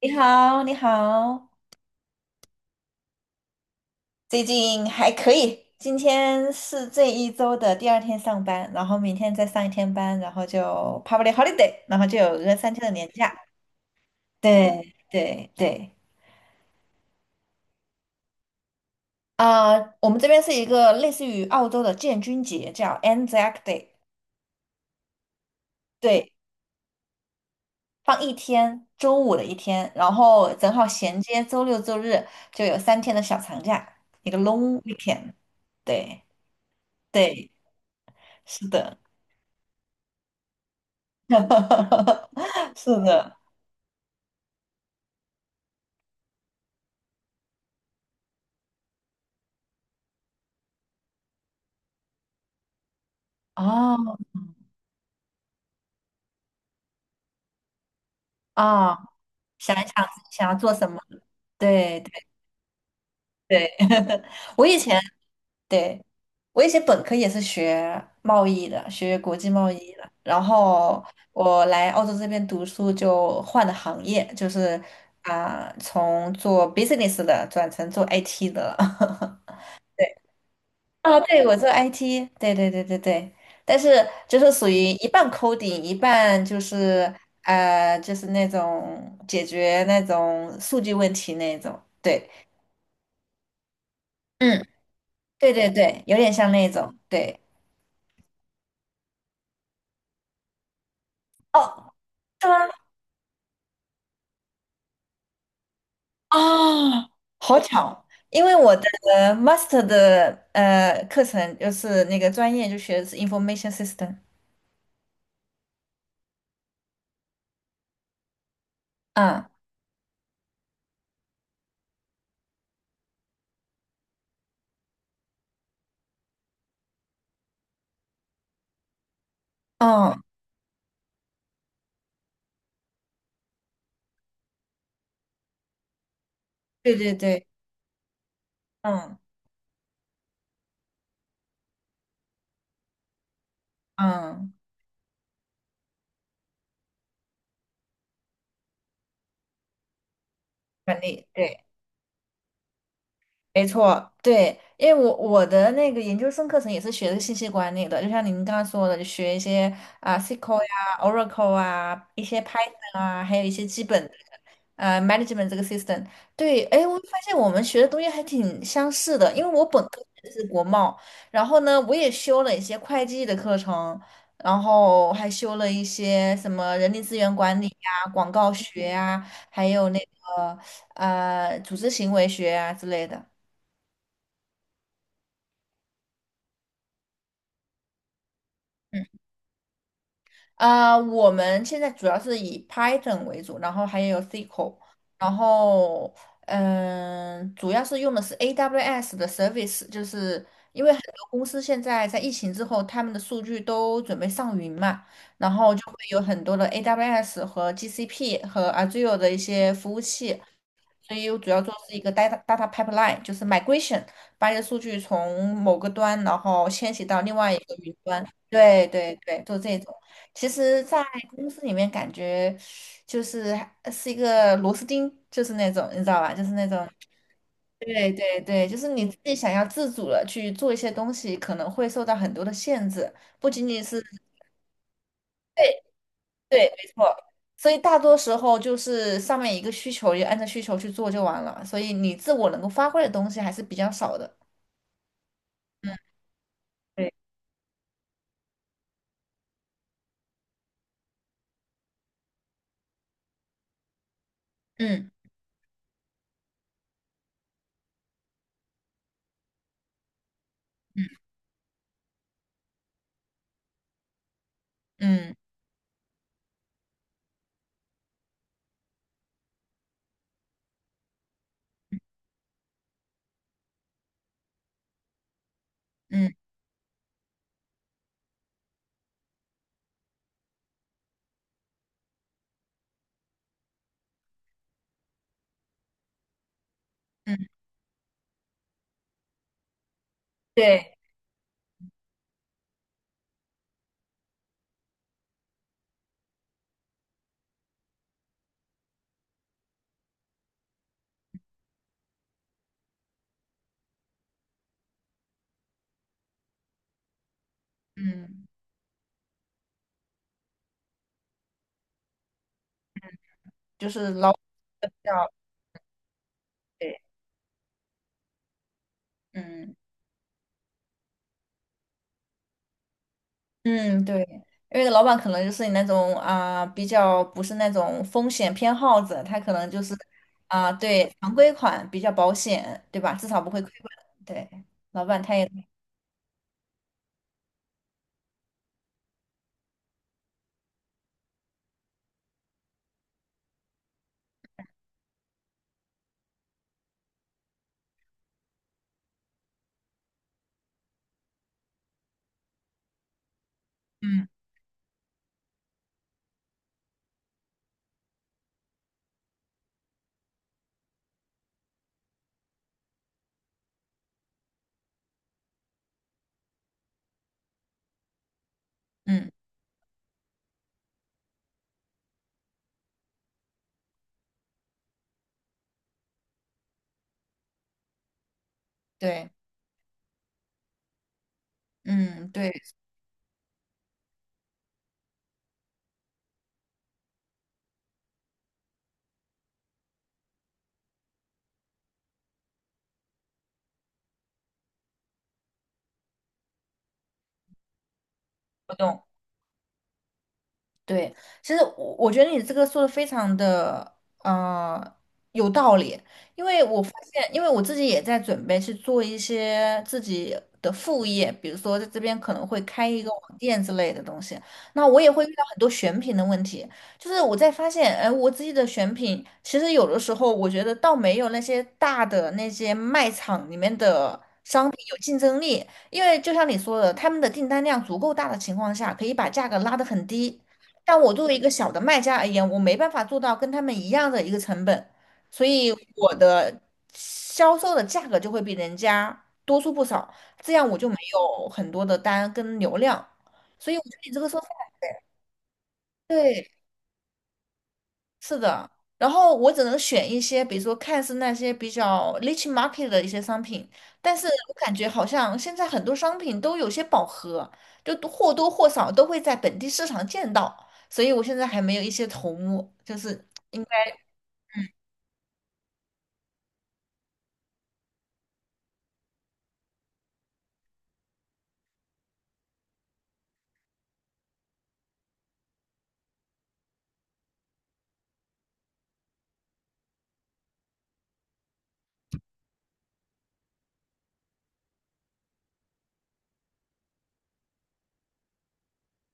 你好，你好，最近还可以。今天是这一周的第二天上班，然后明天再上一天班，然后就 public holiday，然后就有一个三天的年假。对对对，啊、我们这边是一个类似于澳洲的建军节，叫 Anzac Day，对，放一天，周五的一天，然后正好衔接周六周日就有三天的小长假，一个 long weekend。对对，是的。哈哈哈哈是的，哦哦，想一想自己想要做什么，对对对，我以前对，我以前本科也是学贸易的，学国际贸易的，然后我来澳洲这边读书就换了行业，就是从做 business 的转成做 IT 的了，对。哦，对，我做 IT，对对对对对，但是就是属于一半 coding，一半就是就是那种解决那种数据问题那种，对，嗯，对对对，有点像那种，对，哦，是吗？哦，好巧，因为我的master 的课程就是那个专业就学的是 information system，嗯嗯，对对对，嗯嗯，管理，对。没错，对，因为我的那个研究生课程也是学的信息管理的，就像您刚刚说的，就学一些SQL 呀、Oracle 啊、一些 Python 啊，还有一些基本的management 这个 system。对，哎，我发现我们学的东西还挺相似的，因为我本科学的是国贸，然后呢，我也修了一些会计的课程，然后还修了一些什么人力资源管理呀、广告学呀，还有那个组织行为学啊之类的。啊，我们现在主要是以 Python 为主，然后还有 SQL，然后主要是用的是 AWS 的 service，就是因为很多公司现在在疫情之后，他们的数据都准备上云嘛，然后就会有很多的 AWS 和 GCP 和 Azure 的一些服务器，所以我主要做是一个 data pipeline，就是 migration，把你的数据从某个端，然后迁徙到另外一个云端。对对对，做这种。其实，在公司里面感觉就是一个螺丝钉，就是那种你知道吧，就是那种。对对对，就是你自己想要自主的去做一些东西，可能会受到很多的限制，不仅仅是，对对，没错。所以大多时候就是上面一个需求，就按照需求去做就完了。所以你自我能够发挥的东西还是比较少的。对，嗯嗯嗯嗯，对，嗯，就是老板比较，对，嗯嗯，对，因为老板可能就是你那种比较不是那种风险偏好者，他可能就是对常规款比较保险，对吧？至少不会亏本。对，老板他也，嗯嗯，对，嗯，对，不懂。对，其实我觉得你这个说的非常的有道理，因为我发现，因为我自己也在准备去做一些自己的副业，比如说在这边可能会开一个网店之类的东西，那我也会遇到很多选品的问题，就是我在发现，哎，我自己的选品其实有的时候我觉得倒没有那些大的那些卖场里面的商品有竞争力，因为就像你说的，他们的订单量足够大的情况下，可以把价格拉得很低。但我作为一个小的卖家而言，我没办法做到跟他们一样的一个成本，所以我的销售的价格就会比人家多出不少，这样我就没有很多的单跟流量。所以我觉得你这个说法，对，是的。然后我只能选一些，比如说看似那些比较 niche market 的一些商品，但是我感觉好像现在很多商品都有些饱和，就多或多或少都会在本地市场见到，所以我现在还没有一些头目，就是。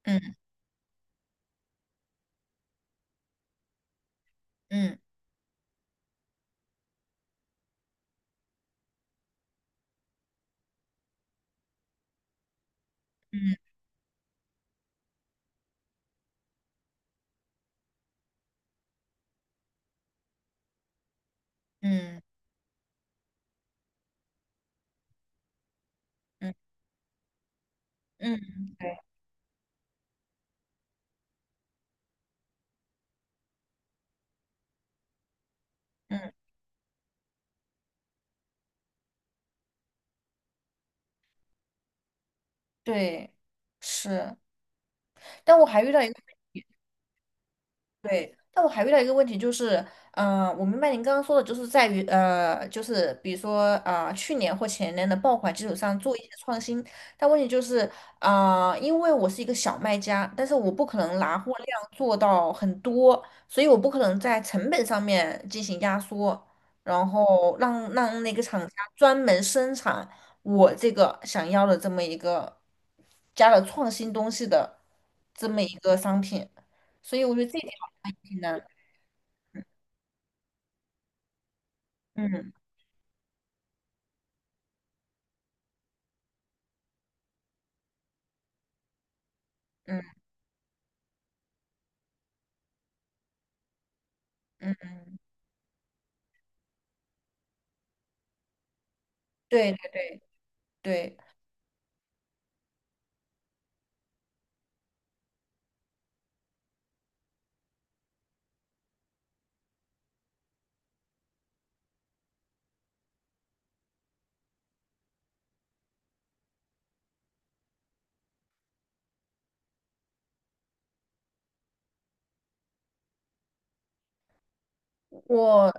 嗯嗯嗯嗯嗯嗯，对，嗯，对，是。但我还遇到一个对，但我还遇到一个问题就是，我明白您刚刚说的，就是在于，就是比如说，去年或前年的爆款基础上做一些创新，但问题就是，因为我是一个小卖家，但是我不可能拿货量做到很多，所以我不可能在成本上面进行压缩，然后让那个厂家专门生产我这个想要的这么一个加了创新东西的这么一个商品。所以我觉得这一点挺能，嗯嗯嗯，对对对对，我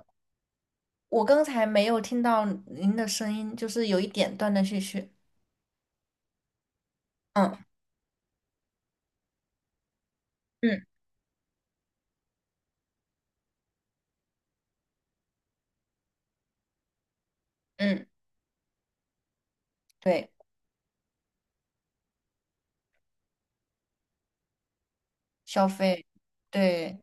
我刚才没有听到您的声音，就是有一点断断续续。嗯嗯嗯，对，消费，对。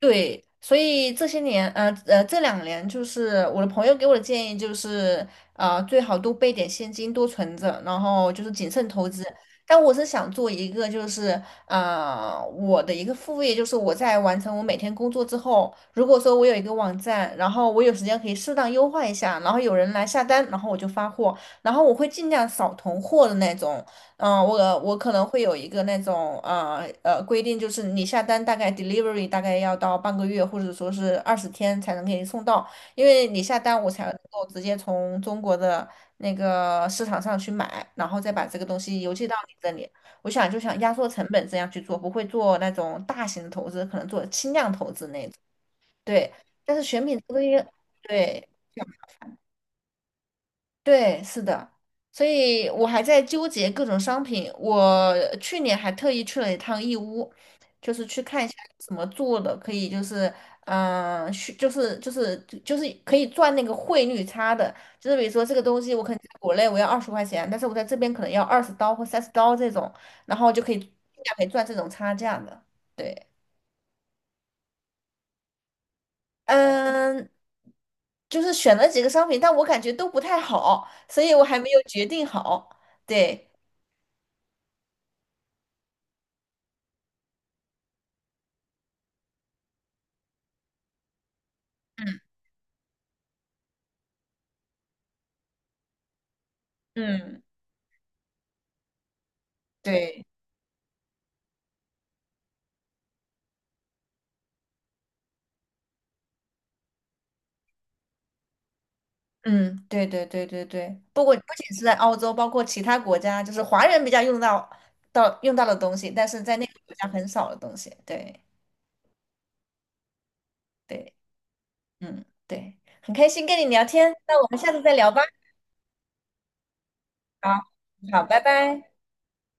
对，所以这些年，这两年就是我的朋友给我的建议就是，最好多备点现金，多存着，然后就是谨慎投资。但我是想做一个，就是我的一个副业，就是我在完成我每天工作之后，如果说我有一个网站，然后我有时间可以适当优化一下，然后有人来下单，然后我就发货，然后我会尽量少囤货的那种，嗯，我可能会有一个那种规定，就是你下单大概 delivery 大概要到半个月或者说是20天才能给你送到，因为你下单我才能够直接从中国的那个市场上去买，然后再把这个东西邮寄到你这里。我想就想压缩成本这样去做，不会做那种大型的投资，可能做轻量投资那种。对，但是选品这个东西，对。对，是的，所以我还在纠结各种商品。我去年还特意去了一趟义乌，就是去看一下怎么做的，可以就是，去就是可以赚那个汇率差的。就是比如说这个东西，我可能在国内我要20块钱，但是我在这边可能要20刀或30刀这种，然后就可以尽量可以赚这种差价的。对，嗯，就是选了几个商品，但我感觉都不太好，所以我还没有决定好。对。嗯嗯，对，嗯，对对对对对，不过不仅是在澳洲，包括其他国家，就是华人比较用到到用到的东西，但是在那个国家很少的东西。对对，嗯对，很开心跟你聊天，那我们下次再聊吧。好，好，拜拜。